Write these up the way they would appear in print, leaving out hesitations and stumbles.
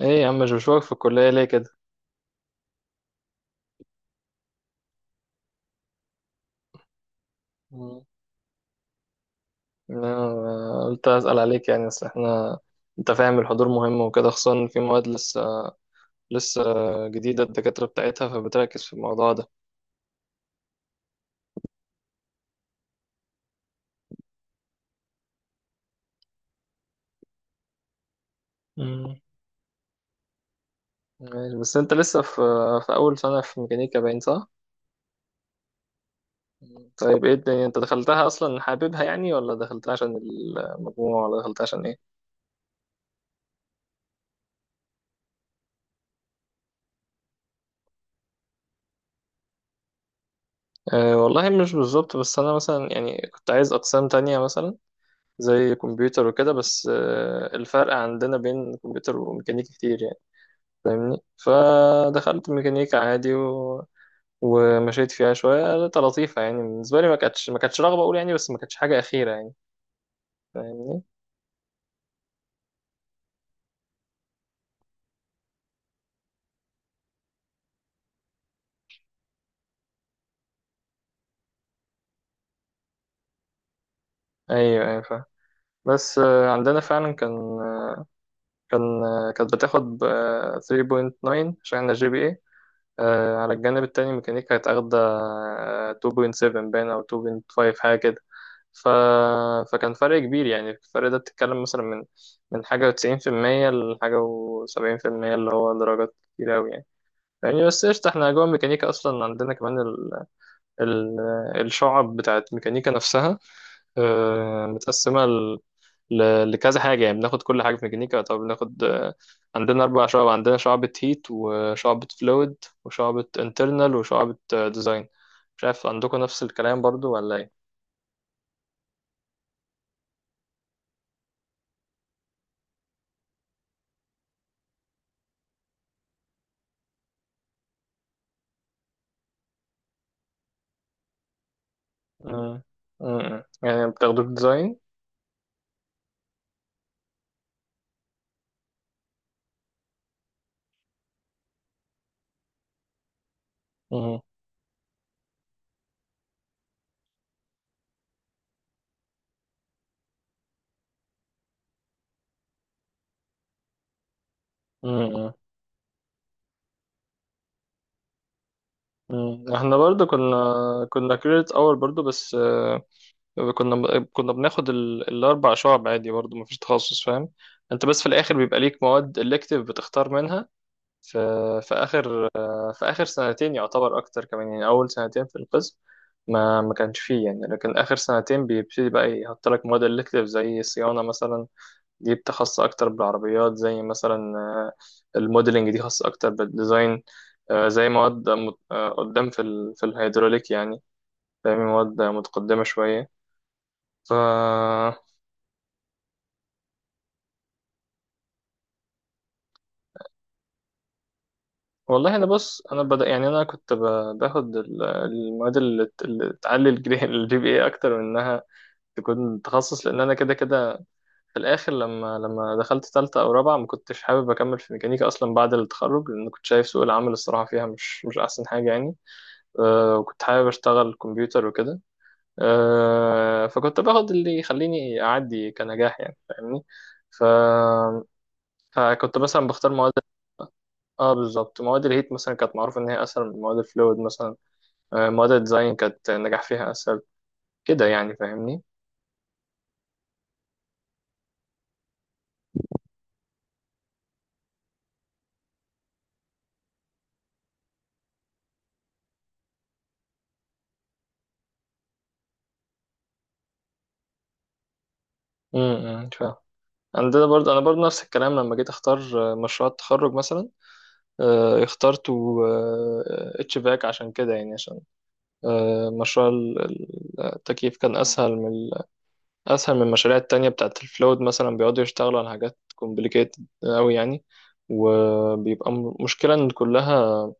ايه يا عم مش بشوفك في الكلية ليه كده؟ مم. أنا قلت أسأل عليك يعني أصل احنا أنت فاهم الحضور مهم وكده خصوصا إن في مواد لسه جديدة الدكاترة بتاعتها فبتركز في الموضوع ده. مم. ماشي، بس أنت لسه في أول سنة في ميكانيكا باين صح؟ مم. طيب ايه الدنيا أنت دخلتها أصلا حاببها يعني ولا دخلتها عشان المجموع ولا دخلتها عشان ايه؟ أه والله مش بالظبط بس أنا مثلا يعني كنت عايز أقسام تانية مثلا زي كمبيوتر وكده بس الفرق عندنا بين كمبيوتر وميكانيكا كتير يعني فاهمني. فدخلت ميكانيكا عادي و... ومشيت فيها شوية كانت لطيفة يعني بالنسبة لي ما كانتش رغبة أقول يعني بس ما كانتش حاجة أخيرة يعني فاهمني. أيوه أيوه فاهم. بس عندنا فعلا كان آه، كانت بتاخد 3.9 عشان احنا جي بي اي، على الجانب التاني ميكانيكا كانت اخدة 2.7 باين أو 2.5 حاجة كده. ف... فكان فرق كبير يعني الفرق ده بتتكلم مثلا من حاجة وتسعين في المية لحاجة وسبعين في المية اللي هو درجات كتير أوي يعني. يعني بس قشطة، احنا جوه الميكانيكا أصلا عندنا كمان ال... الشعب بتاعت ميكانيكا نفسها متقسمة لكذا حاجة يعني بناخد كل حاجة في ميكانيكا. طب بناخد عندنا أربع شعب، عندنا شعبة هيت وشعبة فلويد وشعبة انترنال وشعبة ديزاين. مش عارف عندكم نفس الكلام برضو ولا إيه؟ مم. مم. يعني بتاخدوه في ديزاين. مم. مم. مم. احنا برضو كنا كنا كريدت اور برضو، بس كنا كنا بناخد الاربع شعب عادي برضو مفيش تخصص فاهم؟ انت بس في الاخر بيبقى ليك مواد الكتيف بتختار منها في اخر في اخر سنتين يعتبر اكتر كمان، يعني اول سنتين في القسم ما كانش فيه يعني، لكن اخر سنتين بيبتدي بقى يحط لك مواد الكتيف زي صيانة مثلا جبت خاصة أكتر بالعربيات، زي مثلا الموديلنج دي خاصة أكتر بالديزاين، زي مواد قدام في الهيدروليك يعني فاهمين، مواد متقدمة شوية. ف والله أنا بص، أنا بدأ يعني أنا باخد المواد اللي تعلي الجري الجي بي إيه أكتر من إنها تكون تخصص، لأن أنا كده كده في الآخر لما دخلت تالتة أو رابعة ما كنتش حابب أكمل في ميكانيكا أصلا بعد التخرج، لأن كنت شايف سوق العمل الصراحة فيها مش أحسن حاجة يعني. وكنت حابب اشتغل كمبيوتر وكده. فكنت باخد اللي يخليني اعدي كنجاح يعني فاهمني. ف... فكنت مثلا بختار مواد. اه بالظبط، مواد الهيت مثلا كانت معروف ان هي اسهل من مواد الفلويد مثلا، مواد الديزاين كانت النجاح فيها اسهل كده يعني فاهمني. فاهم. عندنا برضه انا برضه نفس الكلام لما جيت اختار مشروع التخرج مثلا، اخترت اتش فاك عشان كده يعني، عشان مشروع التكييف كان اسهل من اسهل من المشاريع التانية بتاعت الفلويد مثلا بيقعدوا يشتغلوا على حاجات كومبليكيتد قوي يعني. وبيبقى مشكلة ان كلها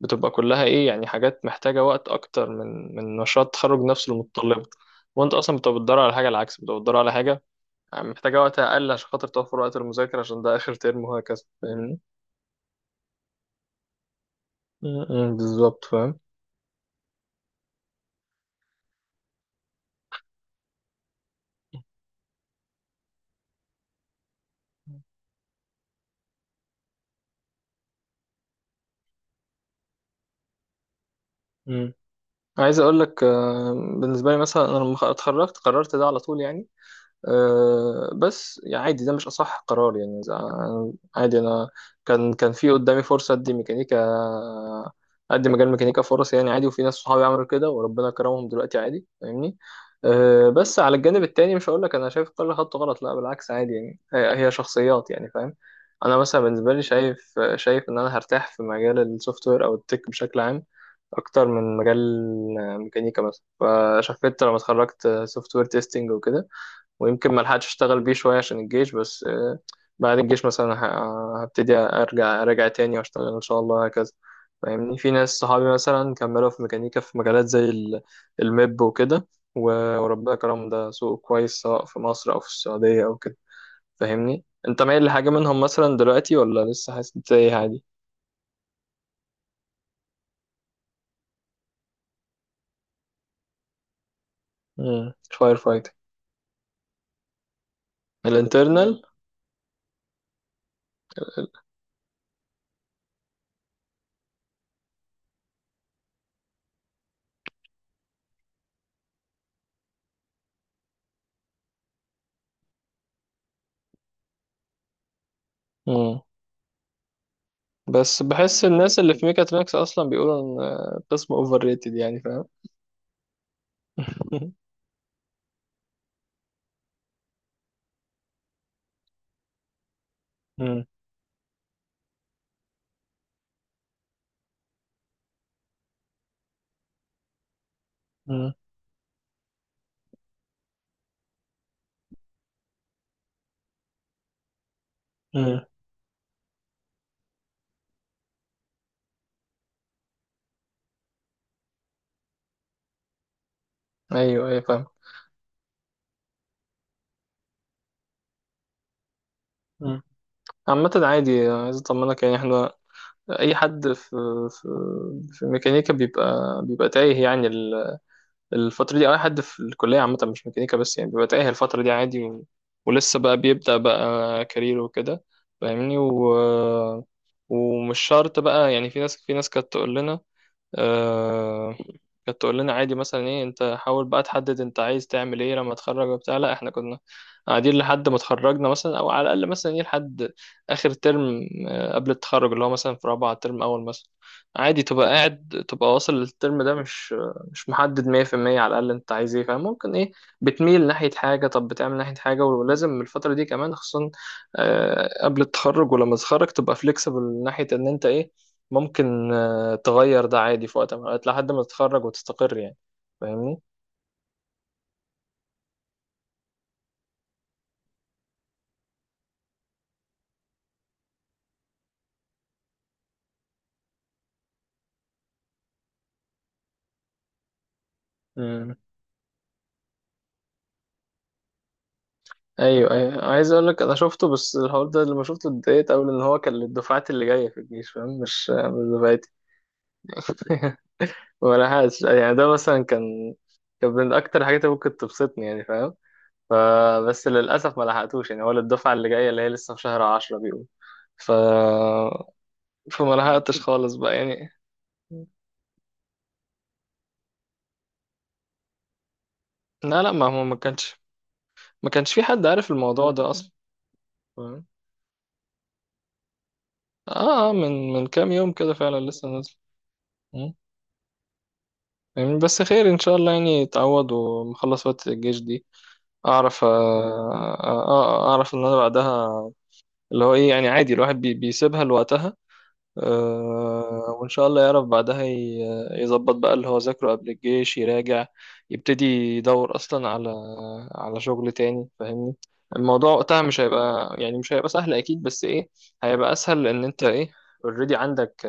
بتبقى كلها ايه يعني، حاجات محتاجة وقت اكتر من مشروع التخرج نفسه المتطلبة. وانت اصلا بتبقى بتدور على حاجة، العكس بتبقى بتدور على حاجة يعني محتاجة وقت اقل عشان خاطر توفر وقت المذاكرة عشان ده اخر ترم وهكذا فاهمني. م- م، بالظبط فاهم. مم. عايز اقول لك بالنسبه لي مثلا انا لما اتخرجت قررت ده على طول يعني. أه بس يعني عادي ده مش أصح قرار يعني عادي أنا كان في قدامي فرصة أدي ميكانيكا، أدي مجال ميكانيكا فرص يعني عادي، وفي ناس صحابي عملوا كده وربنا كرمهم دلوقتي عادي فاهمني. أه بس على الجانب التاني مش هقول لك أنا شايف كل خط غلط، لا بالعكس عادي يعني هي هي شخصيات يعني فاهم. أنا مثلا بالنسبة لي شايف شايف إن أنا هرتاح في مجال السوفت وير أو التك بشكل عام أكتر من مجال ميكانيكا مثلا. فشفت لما اتخرجت سوفت وير تيستنج وكده، ويمكن ما لحقتش اشتغل بيه شويه عشان الجيش، بس بعد الجيش مثلا هبتدي ارجع تاني واشتغل ان شاء الله هكذا فاهمني. في ناس صحابي مثلا كملوا في ميكانيكا في مجالات زي الميب وكده، وربنا كرم ده سوق كويس سواء في مصر او في السعوديه او كده فاهمني. انت مايل لحاجه منهم مثلا دلوقتي ولا لسه حاسس إنت ايه عادي؟ فاير فايتر. الانترنال. امم. بس بحس الناس اللي في ميكاترونكس اصلا بيقولوا ان قسم اوفر ريتد يعني فاهم. مم. مم. ايوه ايوه فاهم. مم. عامة عادي عايز اطمنك، يعني احنا اي حد في في ميكانيكا بيبقى بيبقى تايه يعني الفترة دي، او اي حد في الكلية عامة مش ميكانيكا بس يعني بيبقى تايه الفترة دي عادي، و... ولسه بقى بيبدأ بقى كارير وكده فاهمني. و... ومش شرط بقى يعني، في ناس كانت تقول لنا آه، كانت تقول لنا عادي مثلا ايه، انت حاول بقى تحدد انت عايز تعمل ايه لما تتخرج وبتاع. لا احنا كنا قاعدين لحد ما اتخرجنا مثلا، او على الاقل مثلا ايه لحد اخر ترم قبل التخرج اللي هو مثلا في رابعه ترم اول مثلا، عادي تبقى قاعد تبقى واصل للترم ده مش محدد 100% على الاقل انت عايز ايه فاهم. ممكن ايه بتميل ناحيه حاجه، طب بتعمل ناحيه حاجه. ولازم الفتره دي كمان خصوصا قبل التخرج ولما تتخرج تبقى فليكسبل ناحيه ان انت ايه، ممكن تغير ده عادي في وقت من الأوقات لحد ما تتخرج وتستقر يعني فاهمني. امم. ايوه ايوه عايز اقول لك انا شفته، بس الحوار ده لما شفته اتضايقت قوي ان هو كان للدفعات اللي جايه في الجيش فاهم، مش دفعتي. ولا حاجه، يعني ده مثلا كان كان من اكتر الحاجات اللي ممكن تبسطني يعني فاهم. فبس للاسف ما لحقتوش يعني، هو للدفعه اللي جايه اللي هي لسه في شهر 10 بيقول. ف فما لحقتش خالص بقى يعني. لا لا ما هو ما كانش، ما كانش في حد عارف الموضوع ده اصلا فاهم؟ اه من كام يوم كده فعلا لسه نازل. مم. يعني بس خير ان شاء الله، يعني اتعوض ومخلص فترة الجيش دي اعرف اعرف ان انا بعدها اللي هو ايه يعني عادي الواحد بيسيبها لوقتها. وإن شاء الله يعرف بعدها يظبط بقى اللي هو ذاكره قبل الجيش يراجع، يبتدي يدور أصلا على على شغل تاني فاهمني. الموضوع وقتها مش هيبقى سهل أكيد، بس إيه هيبقى أسهل لأن أنت إيه أوريدي عندك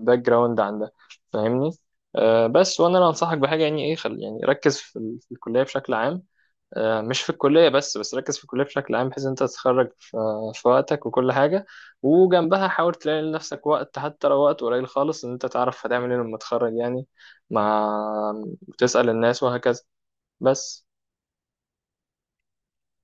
باك جراوند عندك فاهمني. بس وأنا اللي أنصحك بحاجة يعني إيه، خل يعني ركز في, في الكلية بشكل عام. مش في الكلية بس، بس ركز في الكلية بشكل عام بحيث إن أنت تتخرج في في وقتك وكل حاجة، وجنبها حاول تلاقي لنفسك وقت حتى لو وقت قليل خالص إن أنت تعرف هتعمل إيه لما تتخرج يعني. مع وتسأل الناس وهكذا بس.